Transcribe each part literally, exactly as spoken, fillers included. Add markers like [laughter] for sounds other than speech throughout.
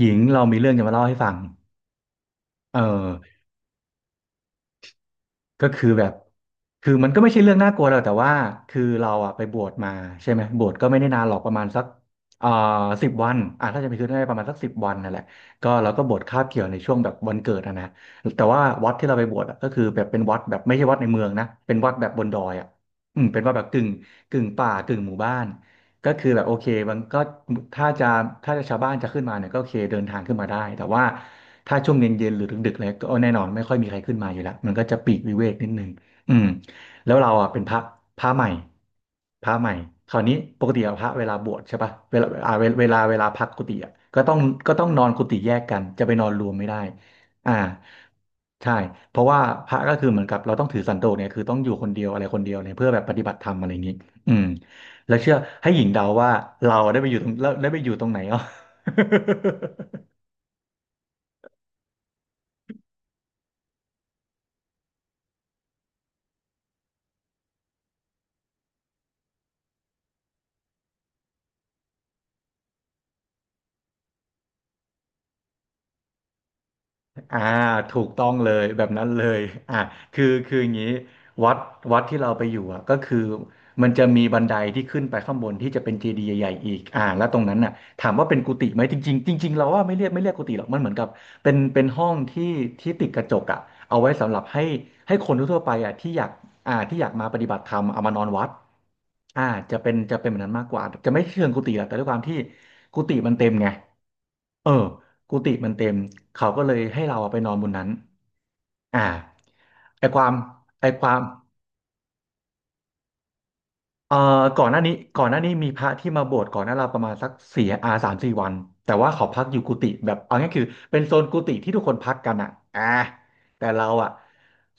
หญิงเรามีเรื่องจะมาเล่าให้ฟังเออก็คือแบบคือมันก็ไม่ใช่เรื่องน่ากลัวหรอกแต่ว่าคือเราอะไปบวชมาใช่ไหมบวชก็ไม่ได้นานหรอกประมาณสักเอ่อสิบวันอ่ะถ้าจะไปคือได้ประมาณสักสิบวันนั่นแหละก็เราก็บวชคาบเกี่ยวในช่วงแบบวันเกิดอะนะแต่ว่าวัดที่เราไปบวชอะก็คือแบบเป็นวัดแบบไม่ใช่วัดในเมืองนะเป็นวัดแบบบนดอยอะอืมเป็นวัดแบบกึ่งกึ่งป่ากึ่งหมู่บ้าน ก็คือแบบโอเคมันก็ถ้าจะถ้าจะชาวบ้านจะขึ้นมาเนี่ยก็โอเคเดินทางขึ้นมาได้แต่ว่าถ้าช่วงเย็นเย็นหรือดึกๆเลยก็แน่นอนไม่ค่อยมีใครขึ้นมาอยู่แล้วมันก็จะปีกวิเวกนิดนึงอืมแล้วเราอ่ะเป็นพระพระใหม่พระใหม่คราวนี้ปกติอะพระเวลาบวชใช่ปะเวลาอ่าเวลาเวลาเวลาพักกุฏิอ่ะก็ต้องก็ต้องนอนกุฏิแยกกันจะไปนอนรวมไม่ได้อ่าใช่เพราะว่าพระก็คือเหมือนกับเราต้องถือสันโดษเนี่ยคือต้องอยู่คนเดียวอะไรคนเดียวเนี่ยเพื่อแบบปฏิบัติธรรมอะไรอย่างนี้อืม แล้วเชื่อให้หญิงเดาว่าเราได้ไปอยู่ตรงแล้วได้ไปอยู่ตรงไหนอ่ะ อ่าถูกต้องเลยแบบนั้นเลยอ่าคือคืออย่างนี้วัดวัดที่เราไปอยู่อ่ะก็คือมันจะมีบันไดที่ขึ้นไปข้างบนที่จะเป็นเจดีย์ใหญ่ๆอีกอ่าแล้วตรงนั้นน่ะถามว่าเป็นกุฏิไหมจริงๆจริงๆเราว่าไม่เรียกไม่เรียกกุฏิหรอกมันเหมือนกับเป็นเป็นห้องที่ที่ติดกระจกอ่ะเอาไว้สำหรับให้ให้คนทั่วๆไปอ่ะที่อยากอ่าที่อยากมาปฏิบัติธรรมเอามานอนวัดอ่าจะเป็นจะเป็นแบบนั้นมากกว่าจะไม่เชิงกุฏิหรอกแต่ด้วยความที่กุฏิมันเต็มไง เออกุฏิมันเต็ม เขาก็เลยให้เราอะไปนอนบนนั้น อ่าไอความ ไอความ เอ่อก่อนหน้านี้ก่อนหน้านี้มีพระที่มาบวชก่อนหน้าเราประมาณสักสี่อาสามสี่วันแต่ว่าเขาพักอยู่กุฏิแบบเอาง่ายคือเป็นโซนกุฏิที่ทุกคนพักกันอ่ะอ่าแต่เราอ่ะ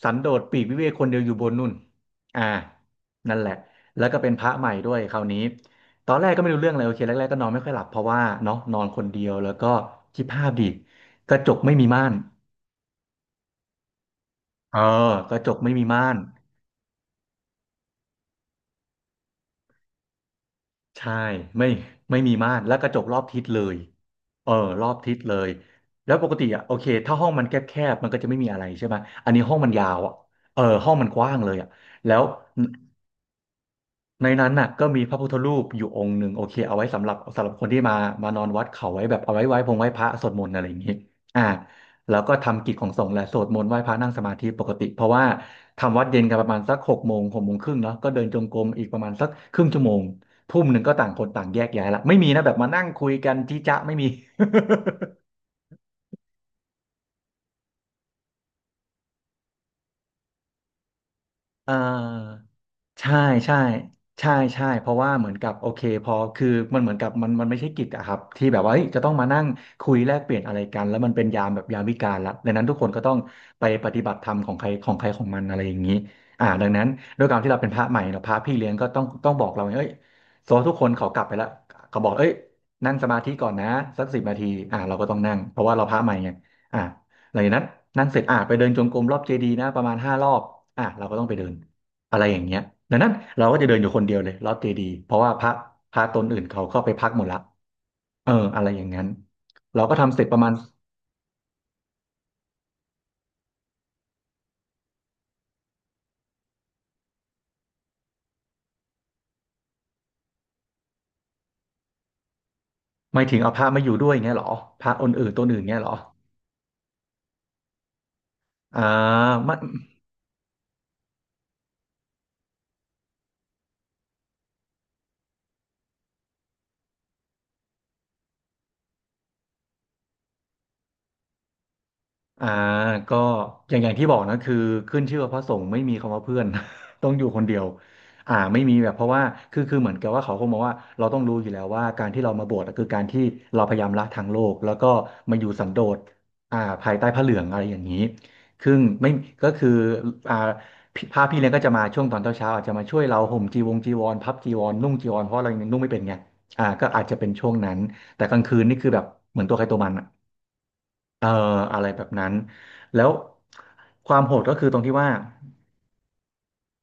สันโดษปลีกวิเวกคนเดียวอยู่บนนู่นอ่านั่นแหละแล้วก็เป็นพระใหม่ด้วยคราวนี้ตอนแรกก็ไม่รู้เรื่องเลยโอเคแรกๆก็นอนไม่ค่อยหลับเพราะว่าเนาะนอนคนเดียวแล้วก็คิดภาพดิกระจกไม่มีม่านเออกระจกไม่มีม่าน ใช่ไม่ไม่มีม่านแล้วกระจกรอบทิศเลยเออรอบทิศเลยแล้วปกติอ่ะโอเคถ้าห้องมันแคบๆมันก็จะไม่มีอะไรใช่ไหมอันนี้ห้องมันยาวอ่ะเออห้องมันกว้างเลยอ่ะแล้ว ในนั้นน่ะก็มีพระพุทธรูปอยู่องค์หนึ่งโอเคเอาไว้สำหรับสำหรับคนที่มามานอนวัดเขาไว้แบบเอาไว้ไหว้พงไหว้พระสวดมนต์อะไรอย่างนี้อ่าแล้วก็ทำกิจของสงฆ์แหละสวดมนต์ไหว้พระนั่งสมาธิปกติเพราะว่าทำวัดเย็นกันประมาณสักหกโมงหกโมงครึ่งเนาะก็เดินจงกรมอีกประมาณสักครึ่งชั่วโมงทุ่มหนึ่งก็ต่างคนต่างแยกย้ายละไม่มีนะแบบมานั่งคุยกันจี้จ๊ะไม่มี [laughs] อ่า ใช่ใช่ใช่ใช่เพราะว่าเหมือนกับโอเคพอคือมันเหมือนกับมันมันไม่ใช่กิจอะครับที่แบบว่าเฮ้ยจะต้องมานั่งคุยแลกเปลี่ยนอะไรกันแล้วมันเป็นยามแบบยามวิกาลละดังนั้นทุกคนก็ต้องไปปฏิบัติธรรมของใครของใครของมันอะไรอย่างนี้อ่าดังนั้นด้วยความที่เราเป็นพระใหม่เราพระพี่เลี้ยงก็ต้องต้องบอกเราไงเอ้ยโซทุกคนเขากลับไปแล้วเขาบอกเอ้ยนั่งสมาธิก่อนนะสักสิบนาทีอ่าเราก็ต้องนั่งเพราะว่าเราพระใหม่ไงอ่าหลังจากนั้นนั่งเสร็จอ่าไปเดินจงกรมรอบเจดีย์นะประมาณห้ารอบอ่าเราก็ต้องไปเดิน อะไรอย่างเงี้ยดังนั้นเราก็จะเดินอยู่คนเดียวเลยลอดเจดีย์เพราะว่าพระพระตนอื่นเขาเข้าไปพักหมดละเอออะไรอย่างนั้นเราก็ทำเสร็จประมาณไม่ถึงเอาพระมาอยู่ด้วยอย่างเงี้ยเหรอพระองค์อื่นตนอื่นเงี้ยเหรออ่า อ่าก็อย่างอย่างที่บอกนะคือขึ้นชื่อว่าพระสงฆ์ไม่มีคำว่าเพื่อน [laughs] ต้องอยู่คนเดียวอ่าไม่มีแบบเพราะว่าคือคือเหมือนกับว่าเขาคงมองว่าเราต้องรู้อยู่แล้วว่าการที่เรามาบวชอะคือการที่เราพยายามละทางโลกแล้วก็มาอยู่สันโดษอ่าภายใต้พระเหลืองอะไรอย่างนี้ซึ่งไม่ก็คืออ่าพี่พระพี่เลี้ยงก็จะมาช่วงตอนเช้าๆอาจจะมาช่วยเราห่มจีวงจีวรพับจีวรนุ่งจีวรเพราะเรายังนุ่งไม่เป็นไงอ่าก็อาจจะเป็นช่วงนั้นแต่กลางคืนนี่คือแบบเหมือนตัวใครตัวมันอะ เอ่ออะไรแบบนั้นแล้วความโหดก็คือตรงที่ว่า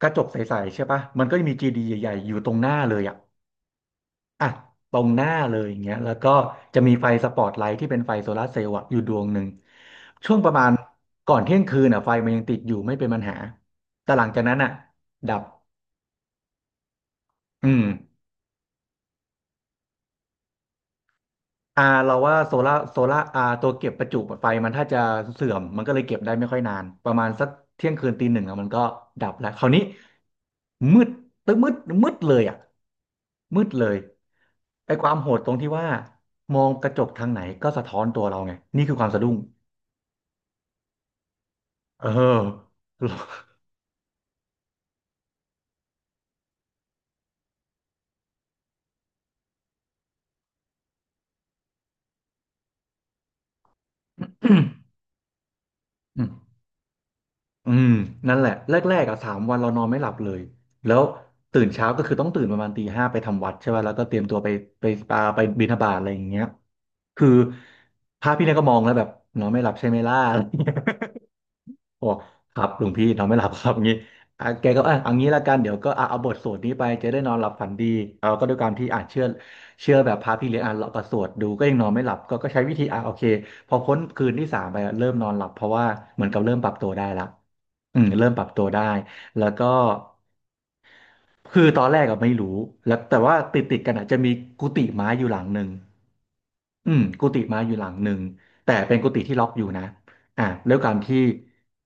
กระจกใสๆใช่ปะมันก็จะมีจีดีใหญ่ๆอยู่ตรงหน้าเลยอ่ะอ่ะตรงหน้าเลยอย่างเงี้ยแล้วก็จะมีไฟสปอตไลท์ที่เป็นไฟโซลาร์เซลล์อะอยู่ดวงหนึ่งช่วงประมาณก่อนเที่ยงคืนอ่ะไฟมันยังติดอยู่ไม่เป็นปัญหาแต่หลังจากนั้นอ่ะดับอืม อ่าเราว่าโซล่าโซล่าอ่าตัวเก็บประจุไฟมันถ้าจะเสื่อมมันก็เลยเก็บได้ไม่ค่อยนานประมาณสักเที่ยงคืนตีหนึ่งอะมันก็ดับแล้วคราวนี้มืดตึ้งมืดมืดเลยอ่ะมืดเลยไอ้ความโหดตรงที่ว่ามองกระจกทางไหนก็สะท้อนตัวเราไงนี่คือความสะดุ้งเออ [coughs] อืม อืมนั่นแหละแรกๆอ่ะสามวันเรานอนไม่หลับเลยแล้วตื่นเช้าก็คือต้องตื่นประมาณตีห้าไปทำวัดใช่ไหมแล้วก็เตรียมตัวไปไปปาไปบิณฑบาตอะไรอย่างเงี้ยคือพระพี่เนี่ยก็มองแล้วแบบนอนไม่หลับใช่ไหมล่ะอะไรเงี้ย โอ้ครับหลวงพี่นอนไม่หลับครับ [laughs] งี้อ่ะแกก็อ่ะเอางี้ละกัน เดี๋ยวก็อ่ะเอาบทสวดนี้ไปจะได้นอนหลับฝันดีเราก็ด้วยการที่อ่านเชื่อเชื่อแบบพระพี่เลี้ยงอ่านเราก็สวดดูก็ยังนอนไม่หลับก็ก็ใช้วิธีอ่ะโอเคพอพ้นคืนที่สามไปอ่ะเริ่มนอนหลับเพราะว่าเหมือนกับเริ่มปรับตัวได้ละอืมเริ่มปรับตัวได้แล้วก็ คือตอนแรกก็ไม่รู้แล้วแต่ว่าติดติดกันอ่ะจะมีกุฏิไม้อยู่หลังหนึ่งอืมกุฏิไม้อยู่หลังหนึ่ง แต่เป็นกุฏิที่ล็อกอยู่นะอ่ะด้วยการที่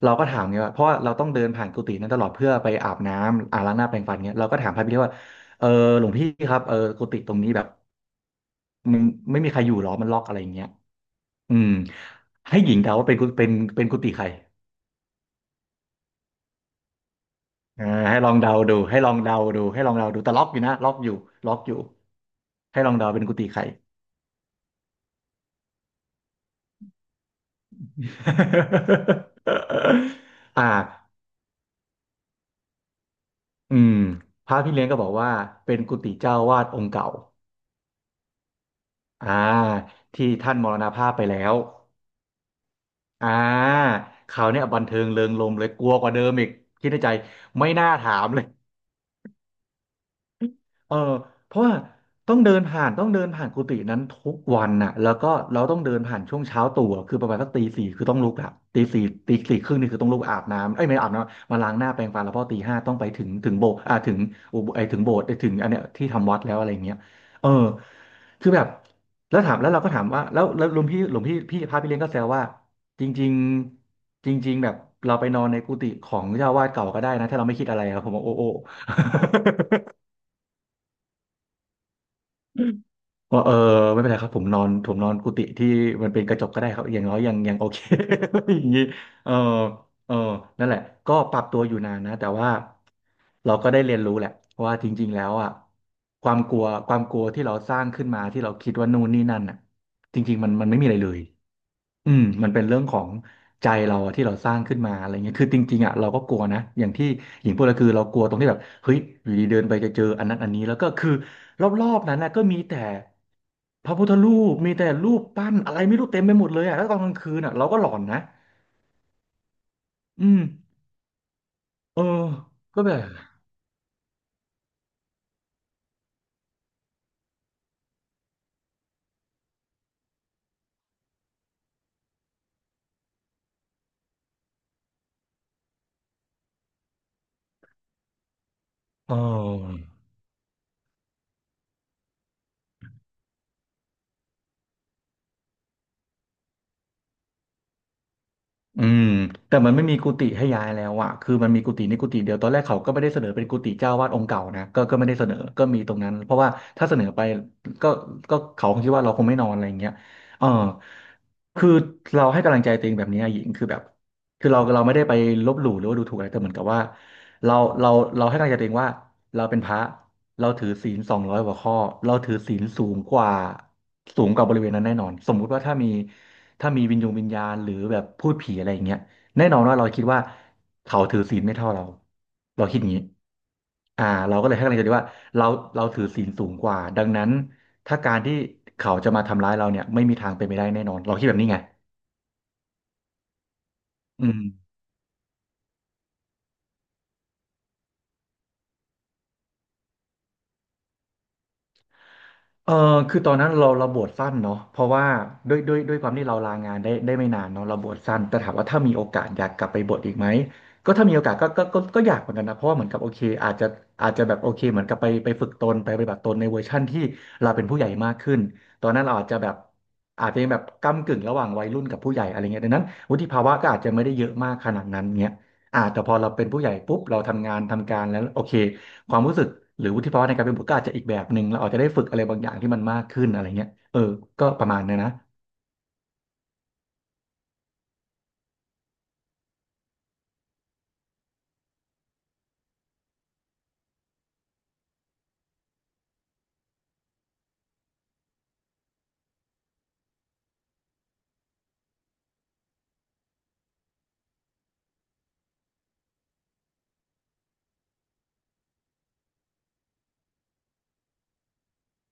เราก็ถามไงว่าเพราะว่าเราต้องเดินผ่านกุฏินั้นตลอดเพื่อไปอาบน้ำอ่าล้างหน้าแปรงฟันเงี้ยเราก็ถามพระพี่เลี้ยงว่าเออหลวงพี่ครับเออกุฏิตรงนี้แบบมันไม่มีใครอยู่หรอมันล็อกอะไรอย่างเงี้ยอืมให้หญิงเดาว่าเป็นกุเป็นเป็นกุฏิใคร เอ่ให้ลองเดาดูให้ลองเดาดูให้ลองเดาดูแต่ล็อกอยู่นะล็อกอยู่ล็อกอยู่ให้ลองเดาเป็นกุฏิใคร [laughs] อ่าอืมพระพี่เลี้ยงก็บอกว่าเป็นกุฏิเจ้าวาดองค์เก่าอ่าที่ท่านมรณภาพไปแล้วอ่าคราวเนี้ยบันเทิงเริงรมย์เลยกลัวกว่าเดิมอีกคิดในใจไม่น่าถามเลย เออเพราะว่าต้องเดินผ่านต้องเดินผ่านกุฏินั้นทุกวันน่ะแล้วก็เราต้องเดินผ่านช่วงเช้าตู่อะคือประมาณสักตีสี่คือต้องลุกอะตีสี่ตีสี่ครึ่งนี่คือต้องลุกอาบน้ำเอ้ยไม่อาบน้ำมาล้างหน้าแปรงฟันแล้วพอตีห้าต้องไปถึงถึงโบสถ์อ่าถึงอุโบไอถึงโบสถ์ไอ้ถึงอันเนี้ยที่ทำวัดแล้วอะไรเงี้ยเออคือแบบแล้วถามแล้วเราก็ถามว่าแล้วแล้วหลวงพี่หลวงพี่พี่พระพี่เลี้ยงก็แซวว่าจริงๆจริงๆแบบเราไปนอนในกุฏิของเจ้าอาวาสเก่าก็ได้นะถ้าเราไม่คิดอะไรอะผมบอกโอ้โอ้ ว่าเออไม่เป็นไรครับผมนอนผมนอนกุฏิที่มันเป็นกระจกก็ได้ครับอย่างน้อยยังยังโอเค [laughs] อย่างนี้เออเออนั่นแหละก็ปรับตัวอยู่นานนะแต่ว่าเราก็ได้เรียนรู้แหละว่าจริงๆแล้วอ่ะความกลัวความกลัวที่เราสร้างขึ้นมาที่เราคิดว่านู่นนี่นั่นอ่ะจริงๆมันมันไม่มีอะไรเลย อืมมันเป็นเรื่องของใจเราอะที่เราสร้างขึ้นมาอะไรเงี้ยคือจริงๆอ่ะเราก็กลัวนะอย่างที่หญิงพูดก็คือเรากลัวตรงที่แบบเฮ้ยอยู่ดีเดินไปจะเจออันนั้นอันนี้แล้วก็คือรอบๆนั้นนะก็มีแต่พระพุทธรูปมีแต่รูปปั้นอะไรไม่รู้เต็มไปหมดเลยอ่ะแล้วตอนกลางคืนอ่ะเราก็หลอนนะอืมเออก็แบบเออ อืมแต่มันไม่มีกุฏิให้ย้ายแล้วอะคือมันมีกุฏินี่กุฏิเดียวตอนแรกเขาก็ไม่ได้เสนอเป็นกุฏิเจ้าวาดองค์เก่านะก็ก็ไม่ได้เสนอก็มีตรงนั้นเพราะว่าถ้าเสนอไปก็ก็เขาคงคิดว่าเราคงไม่นอนอะไรอย่างเงี้ยเออคือเราให้กำลังใจตัวเองแบบนี้นะหญิงคือแบบคือเราเราไม่ได้ไปลบหลู่หรือว่าดูถูกอะไรแต่เหมือนกับว่าเราเราเราให้กำลังใจตัวเองว่าเราเป็นพระ เราถือศีลสองร้อยกว่าข้อเราถือศีลสูงกว่าสูงกว่าบริเวณนั้นแน่นอนสมมุติว่าถ้ามีถ้ามีวิญญงวิญญาณหรือแบบพูดผีอะไรอย่างเงี้ยแน่นอนว่าเราคิดว่าเขาถือศีลไม่เท่าเราเราคิดอย่างนี้อ่าเราก็เลยให้กำลังใจดีว่าเราเราถือศีลสูงกว่าดังนั้นถ้าการที่เขาจะมาทำร้ายเราเนี่ยไม่มีทางเป็นไปได้แน่นอนเราคิดแบบนี้ไงอืม เออคือตอนนั้นเราเราบวชสั้นเนาะเพราะว่าด้วยด้วยด้วยความที่เราลางานได้ได้ไม่นานเนาะเราบวชสั้นแต่ถามว่าถ้ามีโอกาสอยากกลับไปบวชอีกไหมก็ถ้ามีโอกาสก็ก็ก็ก็อยากเหมือนกันนะเพราะว่าเหมือนกับโอเคอาจจะอาจจะแบบโอเคเหมือนกับไปไปฝึกตนไปปฏิบัติตนในเวอร์ชั่นที่เราเป็นผู้ใหญ่มากขึ้นตอนนั้นเราอาจจะแบบอาจจะยังแบบก้ำกึ่งระหว่างวัยรุ่นกับผู้ใหญ่อะไรเงี้ยดังนั้นวุฒิภาวะก็อาจจะไม่ได้เยอะมากขนาดนั้นเงี้ยอ่าแต่พอเราเป็นผู้ใหญ่ปุ๊บเราทำงานทำการแล้วโอเค ความรู้สึกหรือวุฒิภาวะในการเป็นบุตรก็อาจจะอีกแบบหนึ่งเราอาจจะได้ฝึกอะไรบางอย่างที่มันมากขึ้นอะไรเงี้ยเออก็ประมาณเนี้ยนะ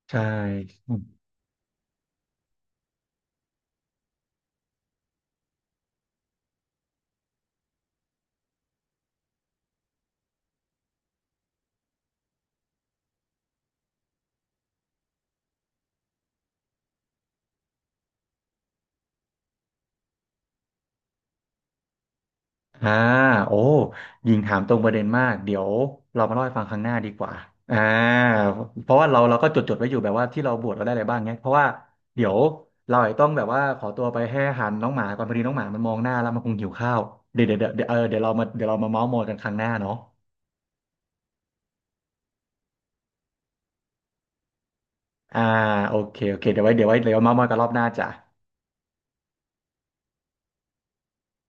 ใช่อืมอ่าโอ้ยิงถามตรงประเด็นมากเดี๋ยวเรามาเล่าให้ฟังครั้งหน้าดีกว่าอ่าเพราะว่าเราเราก็จดจดไว้อยู่แบบว่าที่เราบวชเราได้อะไรบ้างเนี้ยเพราะว่าเดี๋ยวเราอาจจะต้องแบบว่าขอตัวไปให้อาหารน้องหมาก่อนพอดีน้องหมามันมองหน้าแล้วมันคงหิวข้าวเดี๋ยวเดี๋ยวเดี๋ยวเดี๋ยวเออเดี๋ยวเรามาเดี๋ยวเรามาเมาท์มอยกันครั้งหน้าเนาะอ่าโอเคโอเคเดี๋ยวไว้เดี๋ยวไว้เดี๋ยวเมาท์มอยกันรอบหน้าจ้ะ